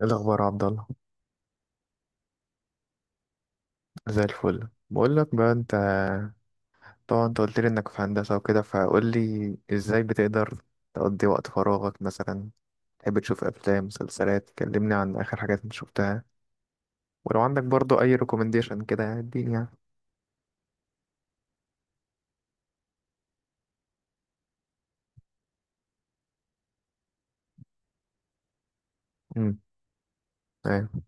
ايه الاخبار يا عبد الله؟ زي الفل، بقول لك بقى، انت. طبعا انت قلت لي انك في هندسه وكده، فقول لي ازاي بتقدر تقضي وقت فراغك مثلا. تحب تشوف افلام، مسلسلات؟ كلمني عن اخر حاجات انت شفتها، ولو عندك برضو اي ريكومنديشن كده يعني، اديني يعني. امم. ايوه.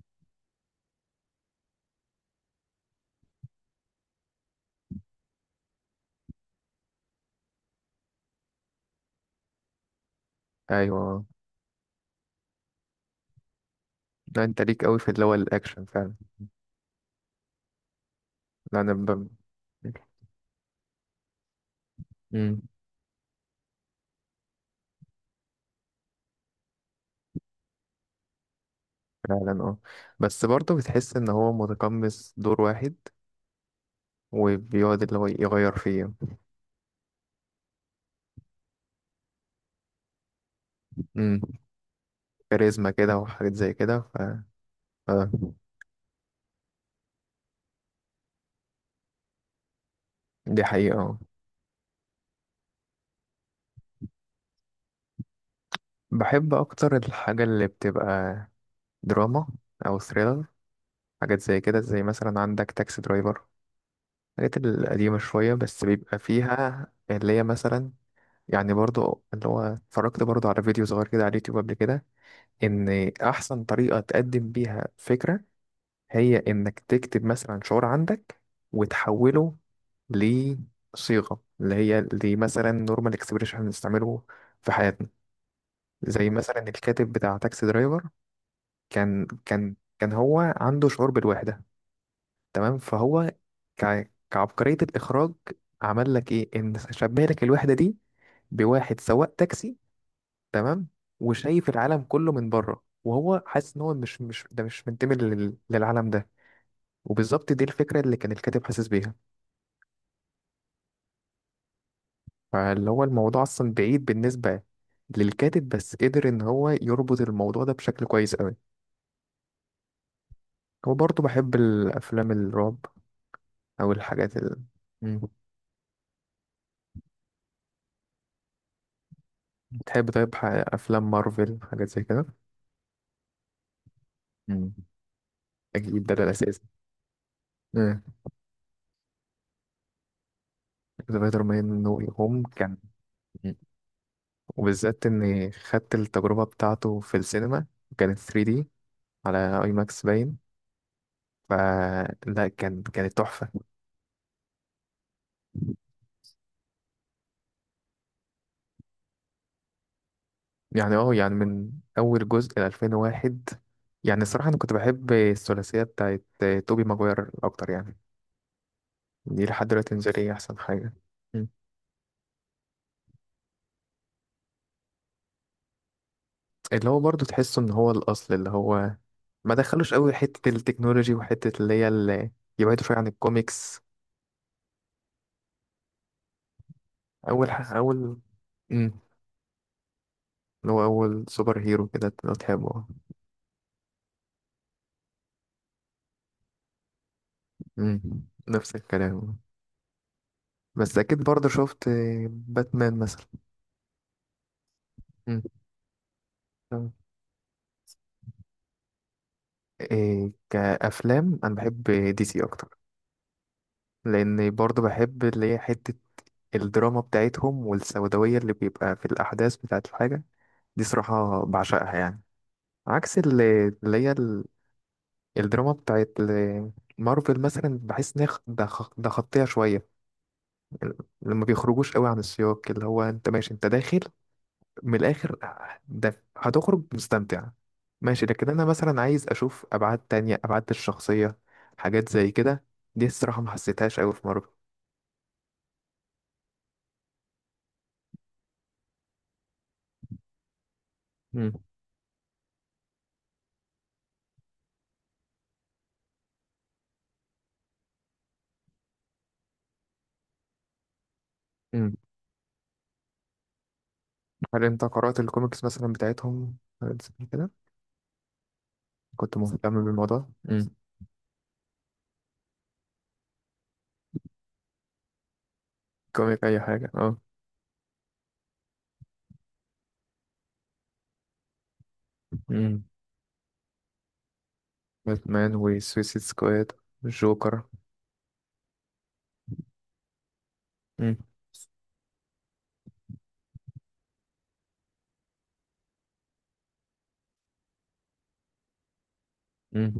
ايوه. لا انت ليك قوي في اللي هو الاكشن فعلا. لا امم، فعلا اه. بس برضه بتحس ان هو متقمص دور واحد، وبيقعد اللي هو يغير فيه. امم. كاريزما كده وحاجات زي كده. اه، دي حقيقة اه. بحب أكتر الحاجة اللي بتبقى دراما أو ثريلر، حاجات زي كده. زي مثلا عندك تاكسي درايفر، الحاجات القديمة شوية، بس بيبقى فيها اللي هي مثلا، يعني، برضو اللي هو اتفرجت برضو على فيديو صغير كده على اليوتيوب قبل كده، إن أحسن طريقة تقدم بيها فكرة هي إنك تكتب مثلا شعور عندك وتحوله لصيغة اللي هي اللي مثلا نورمال اكسبريشن بنستعمله في حياتنا. زي مثلا الكاتب بتاع تاكسي درايفر، كان هو عنده شعور بالوحدة، تمام؟ فهو كعبقرية الإخراج عمل لك إيه، إن شبه لك الوحدة دي بواحد سواق تاكسي، تمام؟ وشايف العالم كله من بره، وهو حاسس إن هو مش منتمي للعالم ده. وبالظبط دي الفكرة اللي كان الكاتب حاسس بيها. فاللي هو الموضوع أصلا بعيد بالنسبة للكاتب، بس قدر إن هو يربط الموضوع ده بشكل كويس أوي. وبرضه بحب الأفلام الرعب او الحاجات مم. بتحب طيب افلام مارفل حاجات زي كده؟ مم. اكيد، ده ده الاساس. مم. سبايدر مان نو واي هوم كان، مم، وبالذات اني خدت التجربة بتاعته في السينما، كانت 3D على اي ماكس باين، فلا كانت تحفة يعني. اه يعني، من اول جزء ل 2001، يعني الصراحة انا كنت بحب الثلاثية بتاعت توبي ماجوير اكتر يعني. دي لحد دلوقتي بالنسبة لي احسن حاجة. اللي هو برضه تحسه ان هو الاصل، اللي هو ما دخلوش قوي حته التكنولوجي، وحته اللي هي اللي يبعدوا شويه عن الكوميكس. اول امم، اللي هو اول سوبر هيرو كده لو تحبه. امم، نفس الكلام. بس اكيد برضه شفت باتمان مثلا. امم، تمام. إيه كافلام، انا بحب دي سي اكتر، لان برضه بحب اللي هي حته الدراما بتاعتهم والسوداويه اللي بيبقى في الاحداث بتاعت الحاجه دي، صراحه بعشقها يعني. عكس اللي هي ال- الدراما بتاعت مارفل مثلا، بحس ان هي خ- ده خ- ده خطيه شويه، لما ما بيخرجوش قوي عن السياق. اللي هو انت ماشي، انت داخل من الاخر، ده هتخرج مستمتع ماشي، لكن انا مثلا عايز اشوف ابعاد تانية، ابعاد الشخصيه، حاجات زي كده. دي الصراحه ما حسيتهاش قوي في مارفل. مم. مم. هل انت قرات الكوميكس مثلا بتاعتهم حاجات زي كده؟ كنت مهتم بالموضوع؟ مم، كوميك اي حاجه؟ اه، باتمان وسويسيد سكواد، جوكر. مم. مم.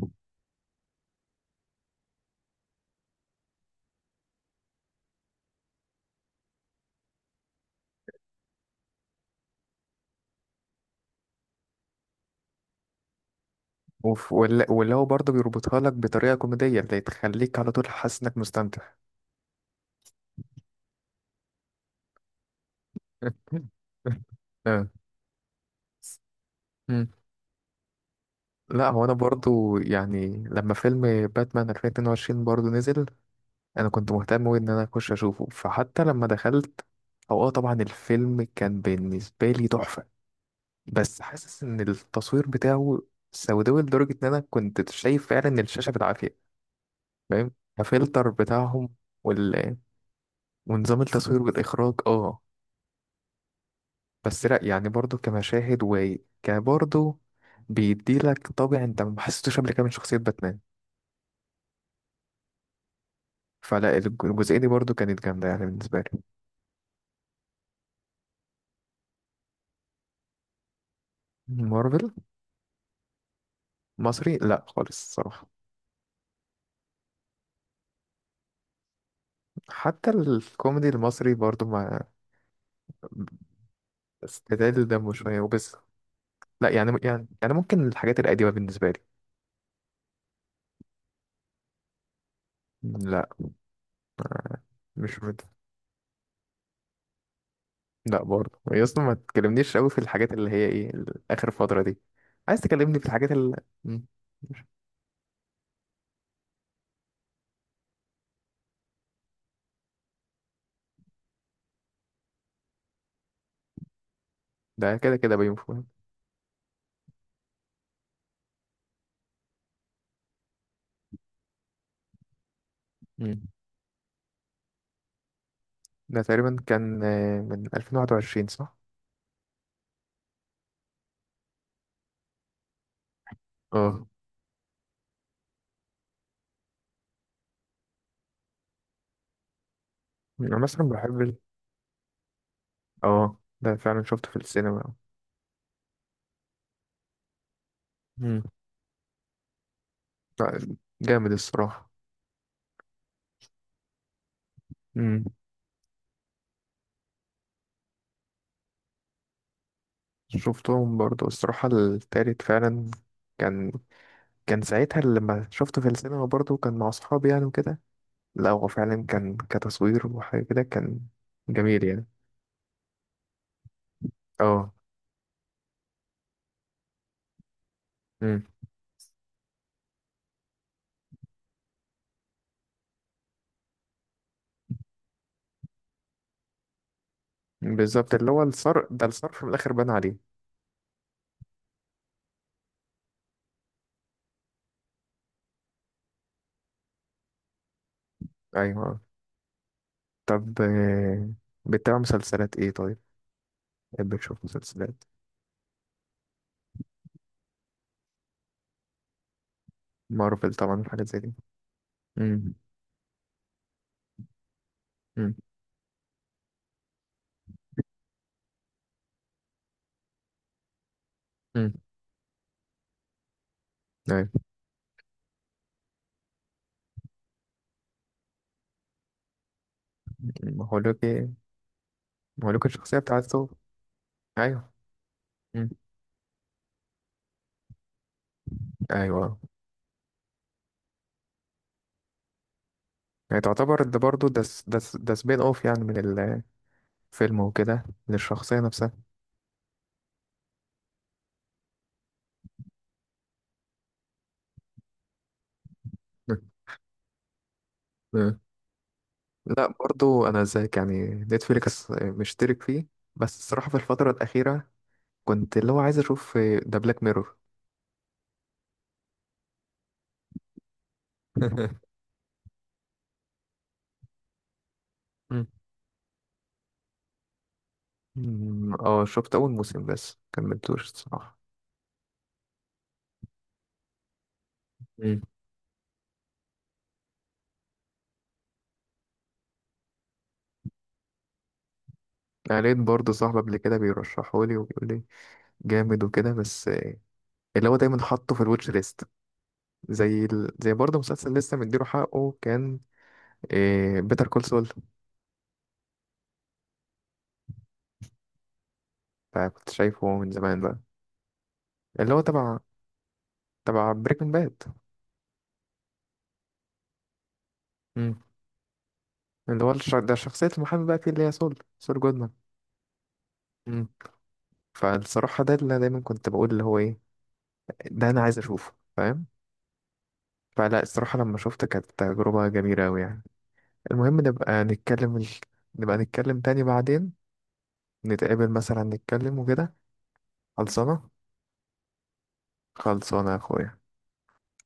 ولا هو برضه بيربطها لك بطريقة كوميدية اللي تخليك على طول حاسس انك مستمتع. آه. مم. لا هو انا برضو يعني لما فيلم باتمان 2022 برضو نزل، انا كنت مهتم أوي ان انا اخش اشوفه، فحتى لما دخلت، او اه طبعا الفيلم كان بالنسبة لي تحفة، بس حاسس ان التصوير بتاعه سوداوي لدرجة ان انا كنت شايف فعلا الشاشة بالعافية. فاهم؟ الفلتر بتاعهم وال... ونظام التصوير والإخراج، اه. بس لأ يعني، برضو كمشاهد وكبرضو بيديلك طابع انت ما حسيتوش قبل كده من شخصية باتمان. فلا الجزئية دي برضو كانت جامدة يعني بالنسبة لي. مارفل. مصري؟ لا خالص الصراحة. حتى الكوميدي المصري برضو ما استدل دمه شوية وبس. لا يعني ممكن الحاجات القديمة بالنسبة لي. لا ما- مش لا برضه يا اسطى، ما تكلمنيش قوي في الحاجات اللي هي ايه اخر فتره دي. عايز تكلمني في الحاجات اللي، ده كده كده بيوم فؤاد. مم. ده تقريبا كان آه، من 2021، صح؟ اه. انا مثلا بحب اه، ده فعلا شفته في السينما. مم. لا، جامد الصراحه. مم. شفتهم برضه الصراحه. التالت فعلا كان، ساعتها لما شفته في السينما برضه كان مع اصحابي يعني وكده. لا هو فعلا كان كتصوير وحاجه كده كان جميل يعني. اه، امم. بالظبط، اللي هو الصرف ده، الصرف من الاخر بان عليه. ايوه آه. طب آه، بتتابع مسلسلات ايه طيب؟ بتحب تشوف مسلسلات مارفل طبعا حاجات زي دي؟ امم. امم. امم. ايوه. مهولوك، مهولوك الشخصيه بتاعته. ايوه، امم، ايوه. يعني تعتبر ده برضه ده سبين اوف يعني من الفيلم وكده، للشخصيه نفسها. مم. مم. لا برضه انا زيك يعني، نتفليكس مشترك فيه، بس الصراحه في الفتره الاخيره كنت اللي هو عايز اشوف ده بلاك ميرور. مم. اه، شفت اول موسم بس كملتوش الصراحه. مم. يعني لقيت برضه صاحب قبل كده بيرشحه لي وبيقول لي جامد وكده، بس اللي هو دايما حاطه في الواتش ليست. زي زي برضه مسلسل لسه مديله حقه كان إيه، بيتر كول سول. فكنت شايفه من زمان بقى. اللي هو تبع، تبع بريكنج باد. مم. اللي هو ده شخصية المحامي بقى فيه، اللي هي سول، سول جودمان. مم. فالصراحة ده اللي أنا دايما كنت بقول اللي هو ايه، ده انا عايز اشوفه، فاهم؟ فلا الصراحة لما شفت كانت تجربة جميلة أوي يعني. المهم نبقى نتكلم نبقى نتكلم تاني بعدين، نتقابل مثلا، نتكلم وكده. خلصانة، خلصانة يا أخويا.